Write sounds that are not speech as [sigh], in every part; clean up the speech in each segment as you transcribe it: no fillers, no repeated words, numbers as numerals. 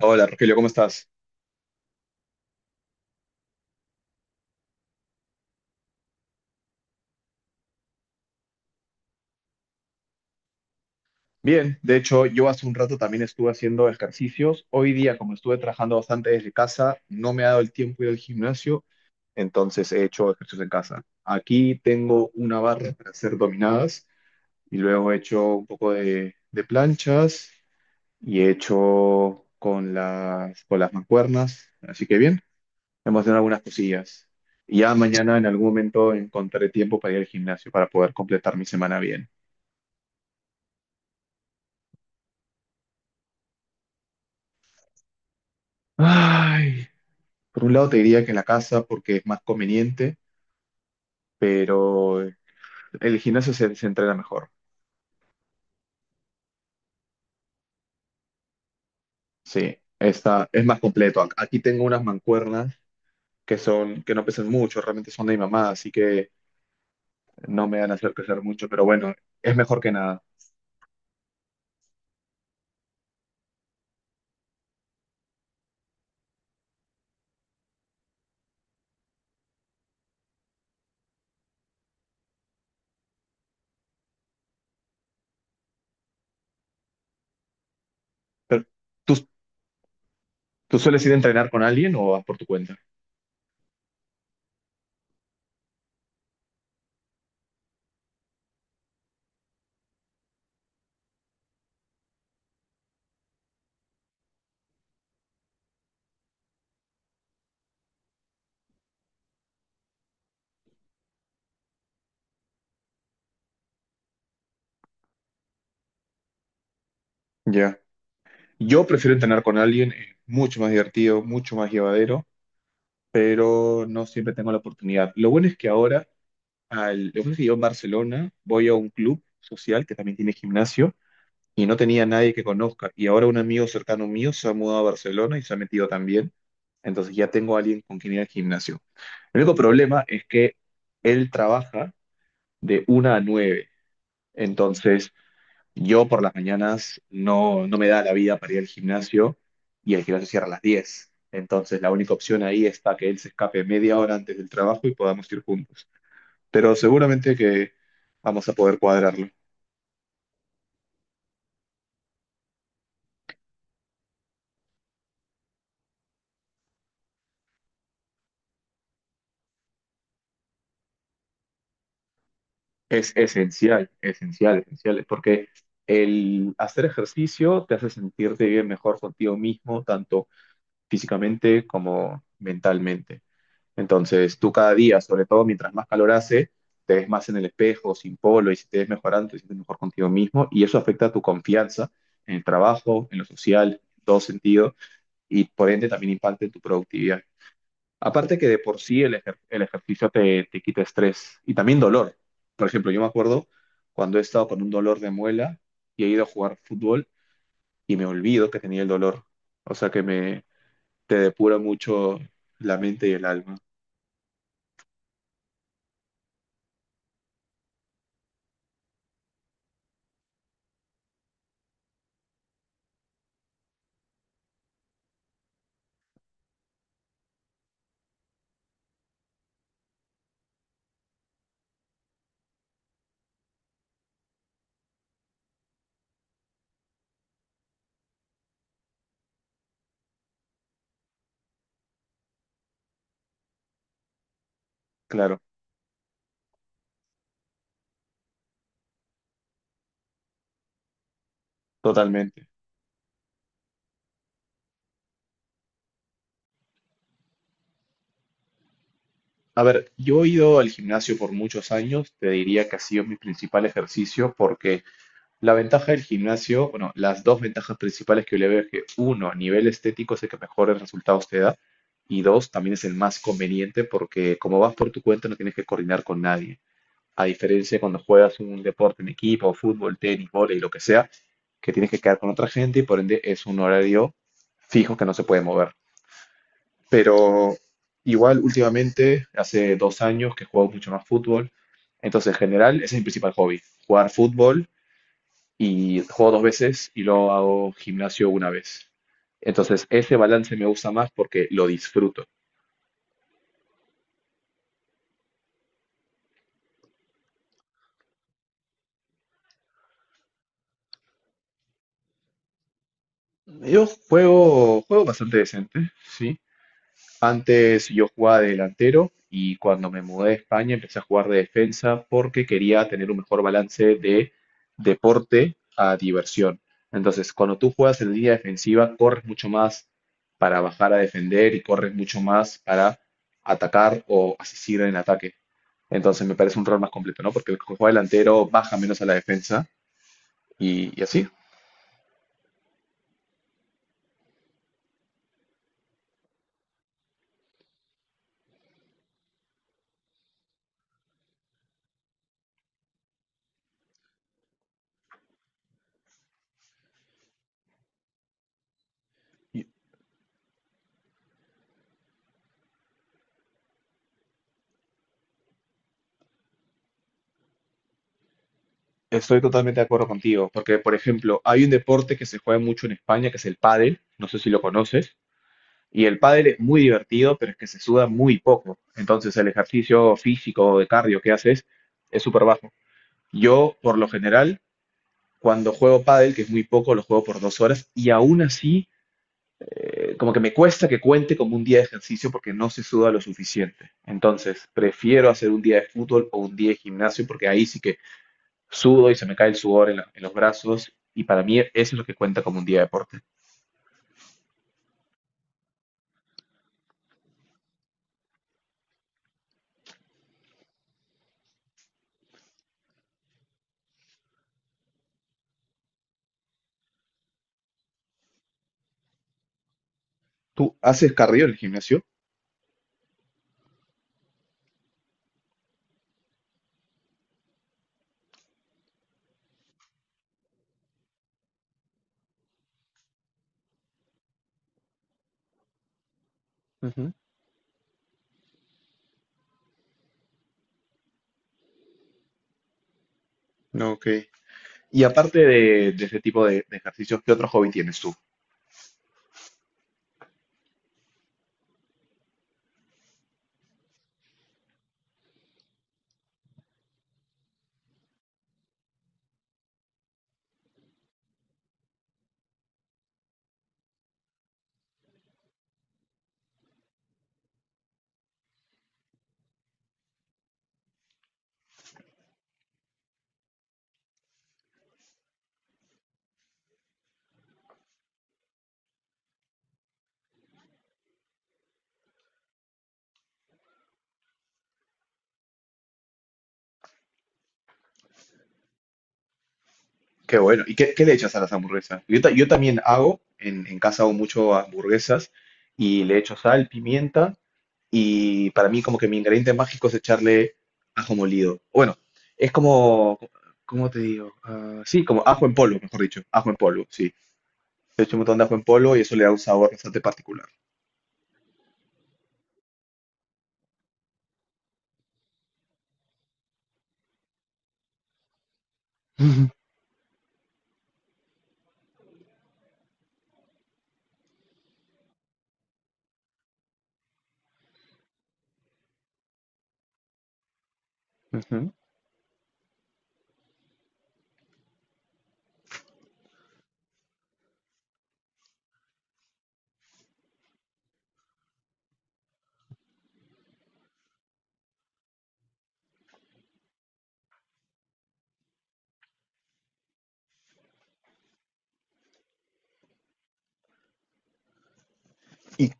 Hola Rogelio, ¿cómo estás? Bien, de hecho yo hace un rato también estuve haciendo ejercicios. Hoy día, como estuve trabajando bastante desde casa, no me ha dado el tiempo de ir al gimnasio, entonces he hecho ejercicios en casa. Aquí tengo una barra para hacer dominadas y luego he hecho un poco de planchas y he hecho con las mancuernas. Así que bien, hemos hecho algunas cosillas. Y ya mañana en algún momento encontraré tiempo para ir al gimnasio para poder completar mi semana bien. Ay. Por un lado te diría que en la casa porque es más conveniente, pero el gimnasio se entrena mejor. Sí, está, es más completo. Aquí tengo unas mancuernas que son, que no pesan mucho, realmente son de mi mamá, así que no me van a hacer crecer mucho, pero bueno, es mejor que nada. Pero, ¿tú, tú sueles ir a entrenar con alguien o vas por tu cuenta? Ya. Yo prefiero entrenar con alguien, es mucho más divertido, mucho más llevadero, pero no siempre tengo la oportunidad. Lo bueno es que ahora lo que pasa es que yo en Barcelona voy a un club social que también tiene gimnasio y no tenía nadie que conozca. Y ahora un amigo cercano mío se ha mudado a Barcelona y se ha metido también. Entonces ya tengo a alguien con quien ir al gimnasio. El único problema es que él trabaja de una a nueve. Entonces yo por las mañanas no, no me da la vida para ir al gimnasio y el gimnasio cierra a las diez. Entonces la única opción ahí está que él se escape media hora antes del trabajo y podamos ir juntos, pero seguramente que vamos a poder cuadrarlo. Es esencial, esencial, esencial, porque el hacer ejercicio te hace sentirte bien mejor contigo mismo, tanto físicamente como mentalmente. Entonces, tú cada día, sobre todo mientras más calor hace, te ves más en el espejo, sin polo, y si te ves mejorando, te sientes mejor contigo mismo, y eso afecta a tu confianza en el trabajo, en lo social, en todo sentido, y por ende también impacta en tu productividad. Aparte que de por sí el ejercicio te quita estrés y también dolor. Por ejemplo, yo me acuerdo cuando he estado con un dolor de muela y he ido a jugar fútbol y me olvido que tenía el dolor. O sea que me te depura mucho la mente y el alma. Claro, totalmente. A ver, yo he ido al gimnasio por muchos años, te diría que ha sido mi principal ejercicio porque la ventaja del gimnasio, bueno, las dos ventajas principales que yo le veo es que uno, a nivel estético es el que mejores resultados te da y dos, también es el más conveniente porque como vas por tu cuenta no tienes que coordinar con nadie. A diferencia de cuando juegas un deporte en equipo, fútbol, tenis, vóley, lo que sea, que tienes que quedar con otra gente y por ende es un horario fijo que no se puede mover. Pero igual últimamente, hace 2 años que juego mucho más fútbol, entonces en general ese es mi principal hobby, jugar fútbol y juego dos veces y luego hago gimnasio una vez. Entonces, ese balance me gusta más porque lo disfruto. Yo juego, juego bastante decente, sí. Entonces yo jugaba de delantero y cuando me mudé a España empecé a jugar de defensa porque quería tener un mejor balance de deporte a diversión. Entonces, cuando tú juegas en línea defensiva, corres mucho más para bajar a defender y corres mucho más para atacar o asistir en ataque. Entonces, me parece un rol más completo, ¿no? Porque el que juega delantero baja menos a la defensa y así. Y Estoy totalmente de acuerdo contigo, porque por ejemplo, hay un deporte que se juega mucho en España, que es el pádel, no sé si lo conoces. Y el pádel es muy divertido, pero es que se suda muy poco. Entonces el ejercicio físico de cardio que haces es súper bajo. Yo, por lo general, cuando juego pádel, que es muy poco, lo juego por 2 horas y aún así, como que me cuesta que cuente como un día de ejercicio porque no se suda lo suficiente. Entonces, prefiero hacer un día de fútbol o un día de gimnasio porque ahí sí que sudo y se me cae el sudor en los brazos y para mí eso es lo que cuenta como un día de deporte. ¿Tú haces cardio en el gimnasio? No, ok. Y aparte de ese tipo de ejercicios, ¿qué otro hobby tienes tú? Qué bueno. ¿Y qué le echas a las hamburguesas? Yo, yo también hago, en casa hago mucho hamburguesas y le echo sal, pimienta y para mí como que mi ingrediente mágico es echarle ajo molido. Bueno, es como, ¿cómo te digo? Ah, sí, como ajo en polvo, mejor dicho. Ajo en polvo, sí. Le echo un montón de ajo en polvo y eso le da un sabor bastante particular. [laughs] Ujú. Ujú. Y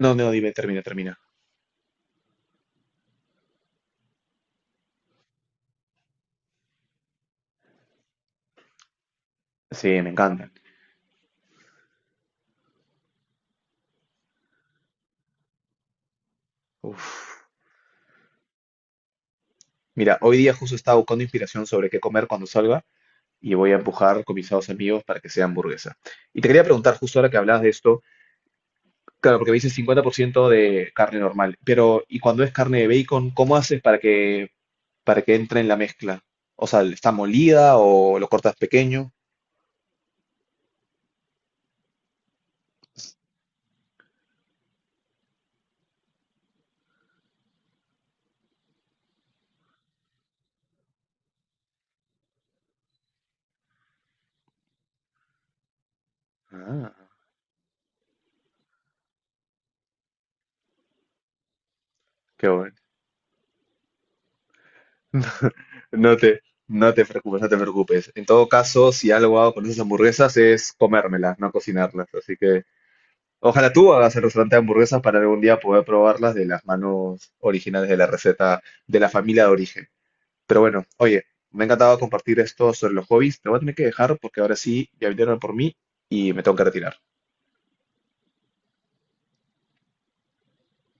no, no, dime, termina, termina. Sí, me encantan. Uf. Mira, hoy día justo estaba buscando inspiración sobre qué comer cuando salga y voy a empujar con mis 2 amigos para que sea hamburguesa. Y te quería preguntar justo ahora que hablabas de esto, claro, porque me dices 50% de carne normal, pero ¿y cuando es carne de bacon, cómo haces para que entre en la mezcla? O sea, ¿está molida o lo cortas pequeño? Ah, qué bueno. No te, no te preocupes, no te preocupes. En todo caso, si algo hago con esas hamburguesas es comérmelas, no cocinarlas. Así que ojalá tú hagas el restaurante de hamburguesas para algún día poder probarlas de las manos originales de la receta de la familia de origen. Pero bueno, oye, me ha encantado compartir esto sobre los hobbies. Te voy a tener que dejar porque ahora sí ya vinieron por mí y me tengo que retirar.